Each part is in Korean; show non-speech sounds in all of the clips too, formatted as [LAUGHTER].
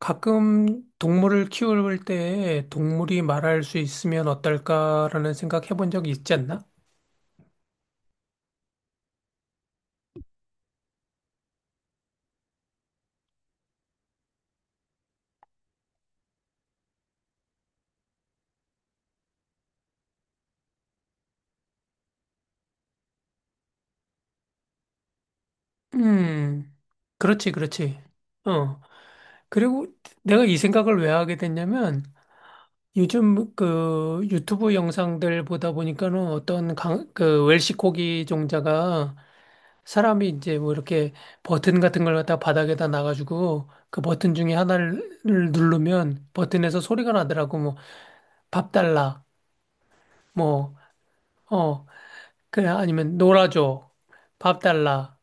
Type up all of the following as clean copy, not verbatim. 가끔 동물을 키울 때 동물이 말할 수 있으면 어떨까라는 생각 해본 적 있지 않나? 음, 그렇지. 어. 그리고 내가 이 생각을 왜 하게 됐냐면 요즘 그 유튜브 영상들 보다 보니까는 그 웰시코기 종자가 사람이 이제 뭐 이렇게 버튼 같은 걸 갖다 바닥에다 놔가지고 그 버튼 중에 하나를 누르면 버튼에서 소리가 나더라고. 뭐 밥 달라. 뭐어 그래, 아니면 놀아줘. 밥 달라.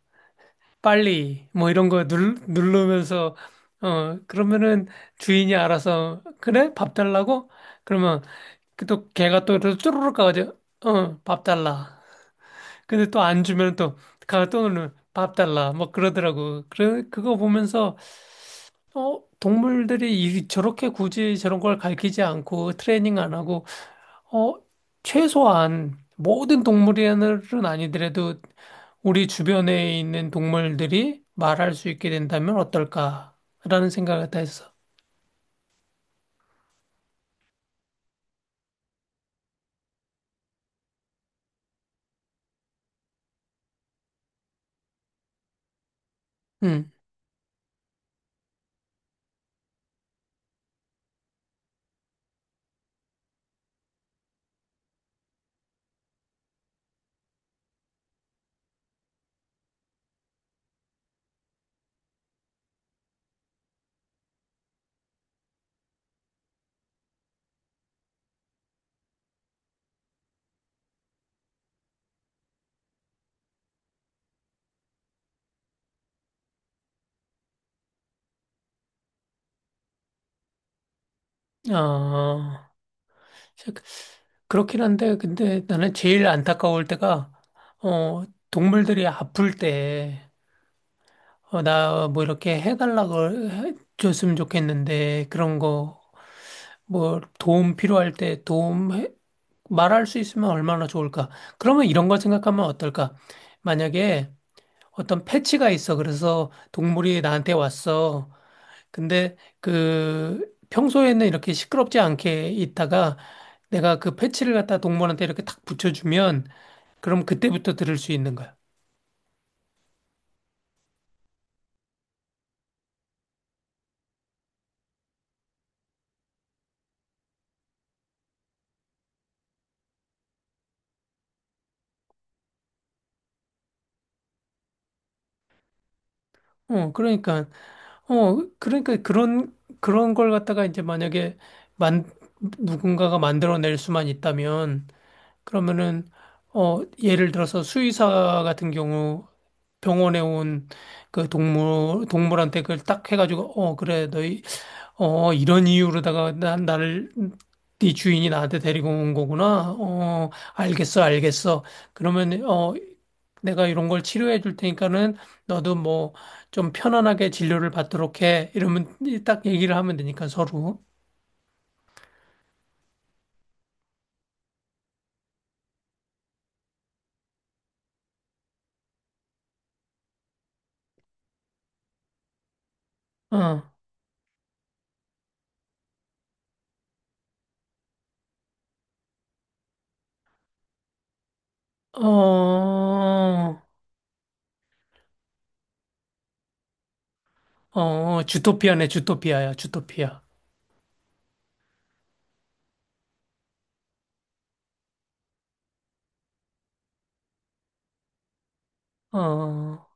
빨리. 뭐 이런 거 누르면서, 그러면은 주인이 알아서, 그래? 밥 달라고? 그러면 그또 걔가 또 이렇게 쪼르륵 가가지고, 어, 밥 달라. 근데 또 안 주면 또, 가또 오늘 밥 달라. 뭐 그러더라고. 그래, 그거 보면서, 어, 동물들이 저렇게 굳이 저런 걸 가르치지 않고 트레이닝 안 하고 어, 최소한 모든 동물은 아니더라도 우리 주변에 있는 동물들이 말할 수 있게 된다면 어떨까라는 생각을 다 했어. 음, 어, 그렇긴 한데, 근데 나는 제일 안타까울 때가, 어, 동물들이 아플 때, 어, 나 뭐 이렇게 줬으면 좋겠는데, 그런 거, 뭐 도움 필요할 때 말할 수 있으면 얼마나 좋을까? 그러면 이런 걸 생각하면 어떨까? 만약에 어떤 패치가 있어. 그래서 동물이 나한테 왔어. 근데 그 평소에는 이렇게 시끄럽지 않게 있다가 내가 그 패치를 갖다 동물한테 이렇게 탁 붙여주면 그럼 그때부터 들을 수 있는 거야. 어, 그러니까, 어, 그러니까 그런, 그런 걸 갖다가 이제 만약에 만, 누군가가 만들어낼 수만 있다면 그러면은 어 예를 들어서 수의사 같은 경우 병원에 온 그 동물한테 그걸 딱 해가지고 어 그래 너희 어 이런 이유로다가 난 나를 네 주인이 나한테 데리고 온 거구나. 어 알겠어 알겠어. 그러면 어 내가 이런 걸 치료해 줄 테니까는 너도 뭐 좀 편안하게 진료를 받도록 해. 이러면 딱 얘기를 하면 되니까 서로 어 어. 어, 어, 주토피아네, 주토피아야, 주토피아. 어, 어.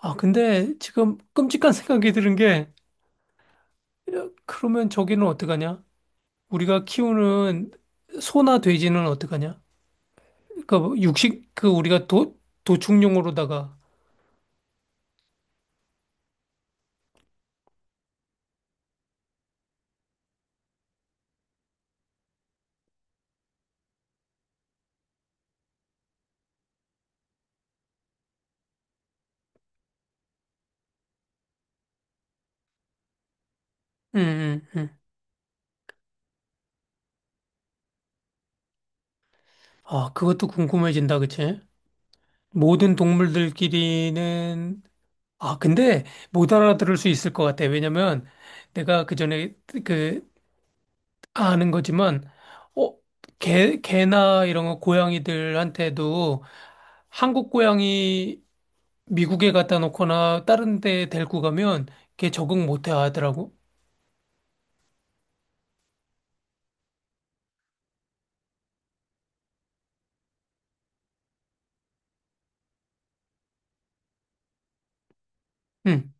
아, 근데 지금 끔찍한 [LAUGHS] 생각이 드는 게, 야, 그러면 저기는 어떡하냐? 우리가 키우는 소나 돼지는 어떡하냐? 그 육식, 그 도축용으로다가, 음, 음, 음. 아, 그것도 궁금해진다, 그치? 모든 동물들끼리는, 아, 근데 못 알아들을 수 있을 것 같아. 왜냐면 내가 그 전에 그 아는 거지만, 어, 개나 이런 거 고양이들한테도 한국 고양이 미국에 갖다 놓거나 다른 데 데리고 가면 걔 적응 못 하더라고. 응.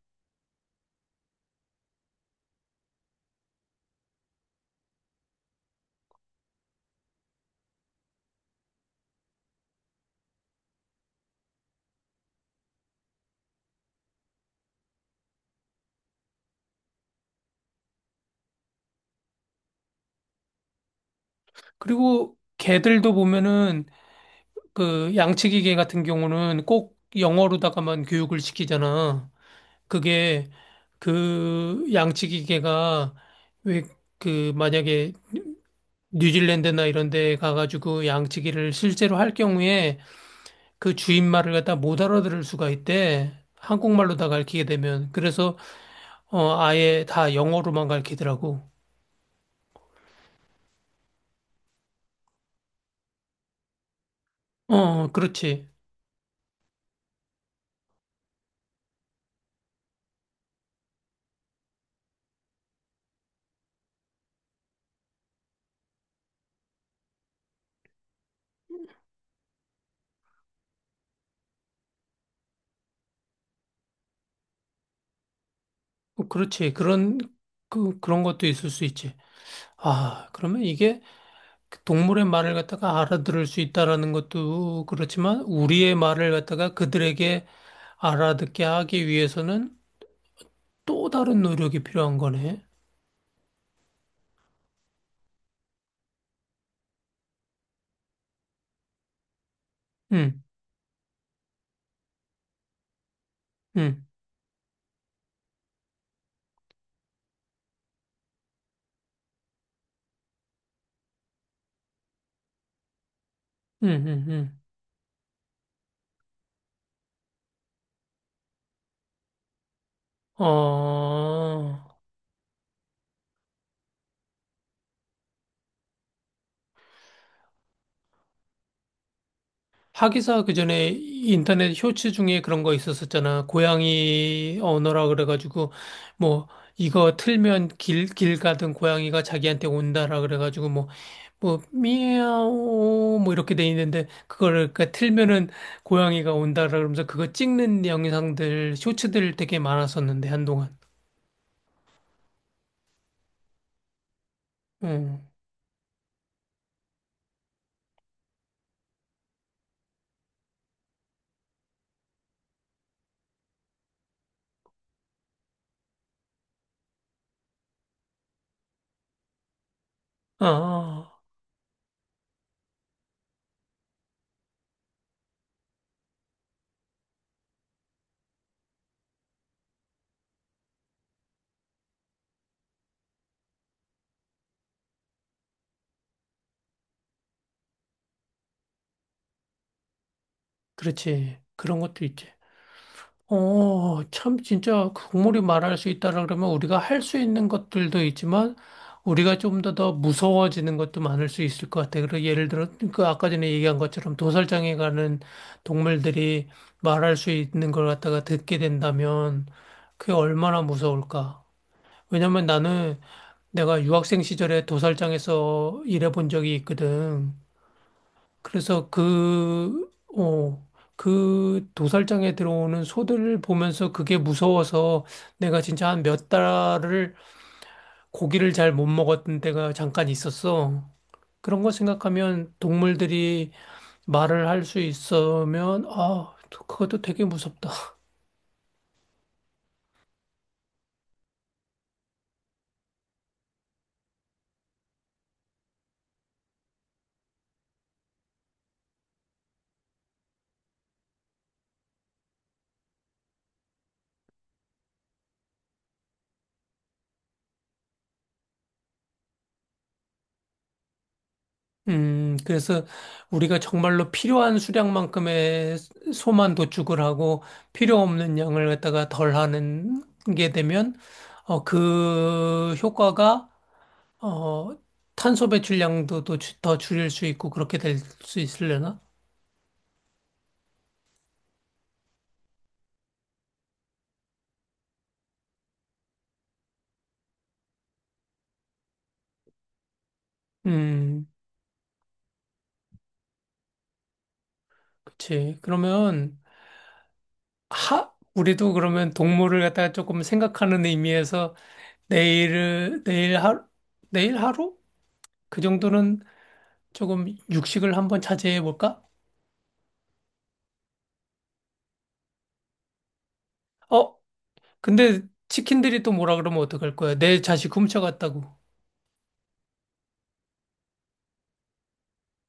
그리고 개들도 보면은 그 양치기 개 같은 경우는 꼭 영어로다가만 교육을 시키잖아. 그게 그 양치기 개가 왜 그 만약에 뉴질랜드나 이런 데 가가지고 양치기를 실제로 할 경우에 그 주인 말을 갖다 못 알아들을 수가 있대. 한국말로 다 가르치게 되면. 그래서, 어, 아예 다 영어로만 가르치더라고. 어, 그렇지. 어, 그렇지. 그런 것도 있을 수 있지. 아, 그러면 이게 그 동물의 말을 갖다가 알아들을 수 있다라는 것도 그렇지만, 우리의 말을 갖다가 그들에게 알아듣게 하기 위해서는 또 다른 노력이 필요한 거네. 응, 응, 응, 응, 응. 어, 하기사 그 전에 인터넷 쇼츠 중에 그런 거 있었었잖아. 고양이 언어라 그래가지고 뭐 이거 틀면 길 가던 고양이가 자기한테 온다라 그래가지고 뭐 미야오 뭐 이렇게 돼 있는데 그거를 그러니까 틀면은 고양이가 온다라 그러면서 그거 찍는 영상들 쇼츠들 되게 많았었는데 한동안. 응. 아, 아, 아. 그렇지. 그런 것도 있지. 어, 참, 진짜 그 국물이 말할 수 있다라 그러면 우리가 할 수 있는 것들도 있지만 우리가 좀 더 무서워지는 것도 많을 수 있을 것 같아. 그리고 예를 들어, 그 아까 전에 얘기한 것처럼 도살장에 가는 동물들이 말할 수 있는 걸 갖다가 듣게 된다면 그게 얼마나 무서울까. 왜냐면 나는 내가 유학생 시절에 도살장에서 일해 본 적이 있거든. 그래서 그, 어, 그 도살장에 들어오는 소들을 보면서 그게 무서워서 내가 진짜 한 몇 달을 고기를 잘 못 먹었던 때가 잠깐 있었어. 그런 거 생각하면 동물들이 말을 할 수 있으면, 아, 그것도 되게 무섭다. 그래서 우리가 정말로 필요한 수량만큼의 소만 도축을 하고 필요 없는 양을 갖다가 덜 하는 게 되면 어, 그 효과가 어, 탄소 배출량도 더 줄일 수 있고 그렇게 될 수 있으려나? 음, 그치. 그러면 하 우리도 그러면 동물을 갖다가 조금 생각하는 의미에서 내일 하루 내일 하루, 그 정도는 조금 육식을 한번 자제해 볼까? 어? 근데 치킨들이 또 뭐라 그러면 어떡할 거야? 내 자식 훔쳐갔다고.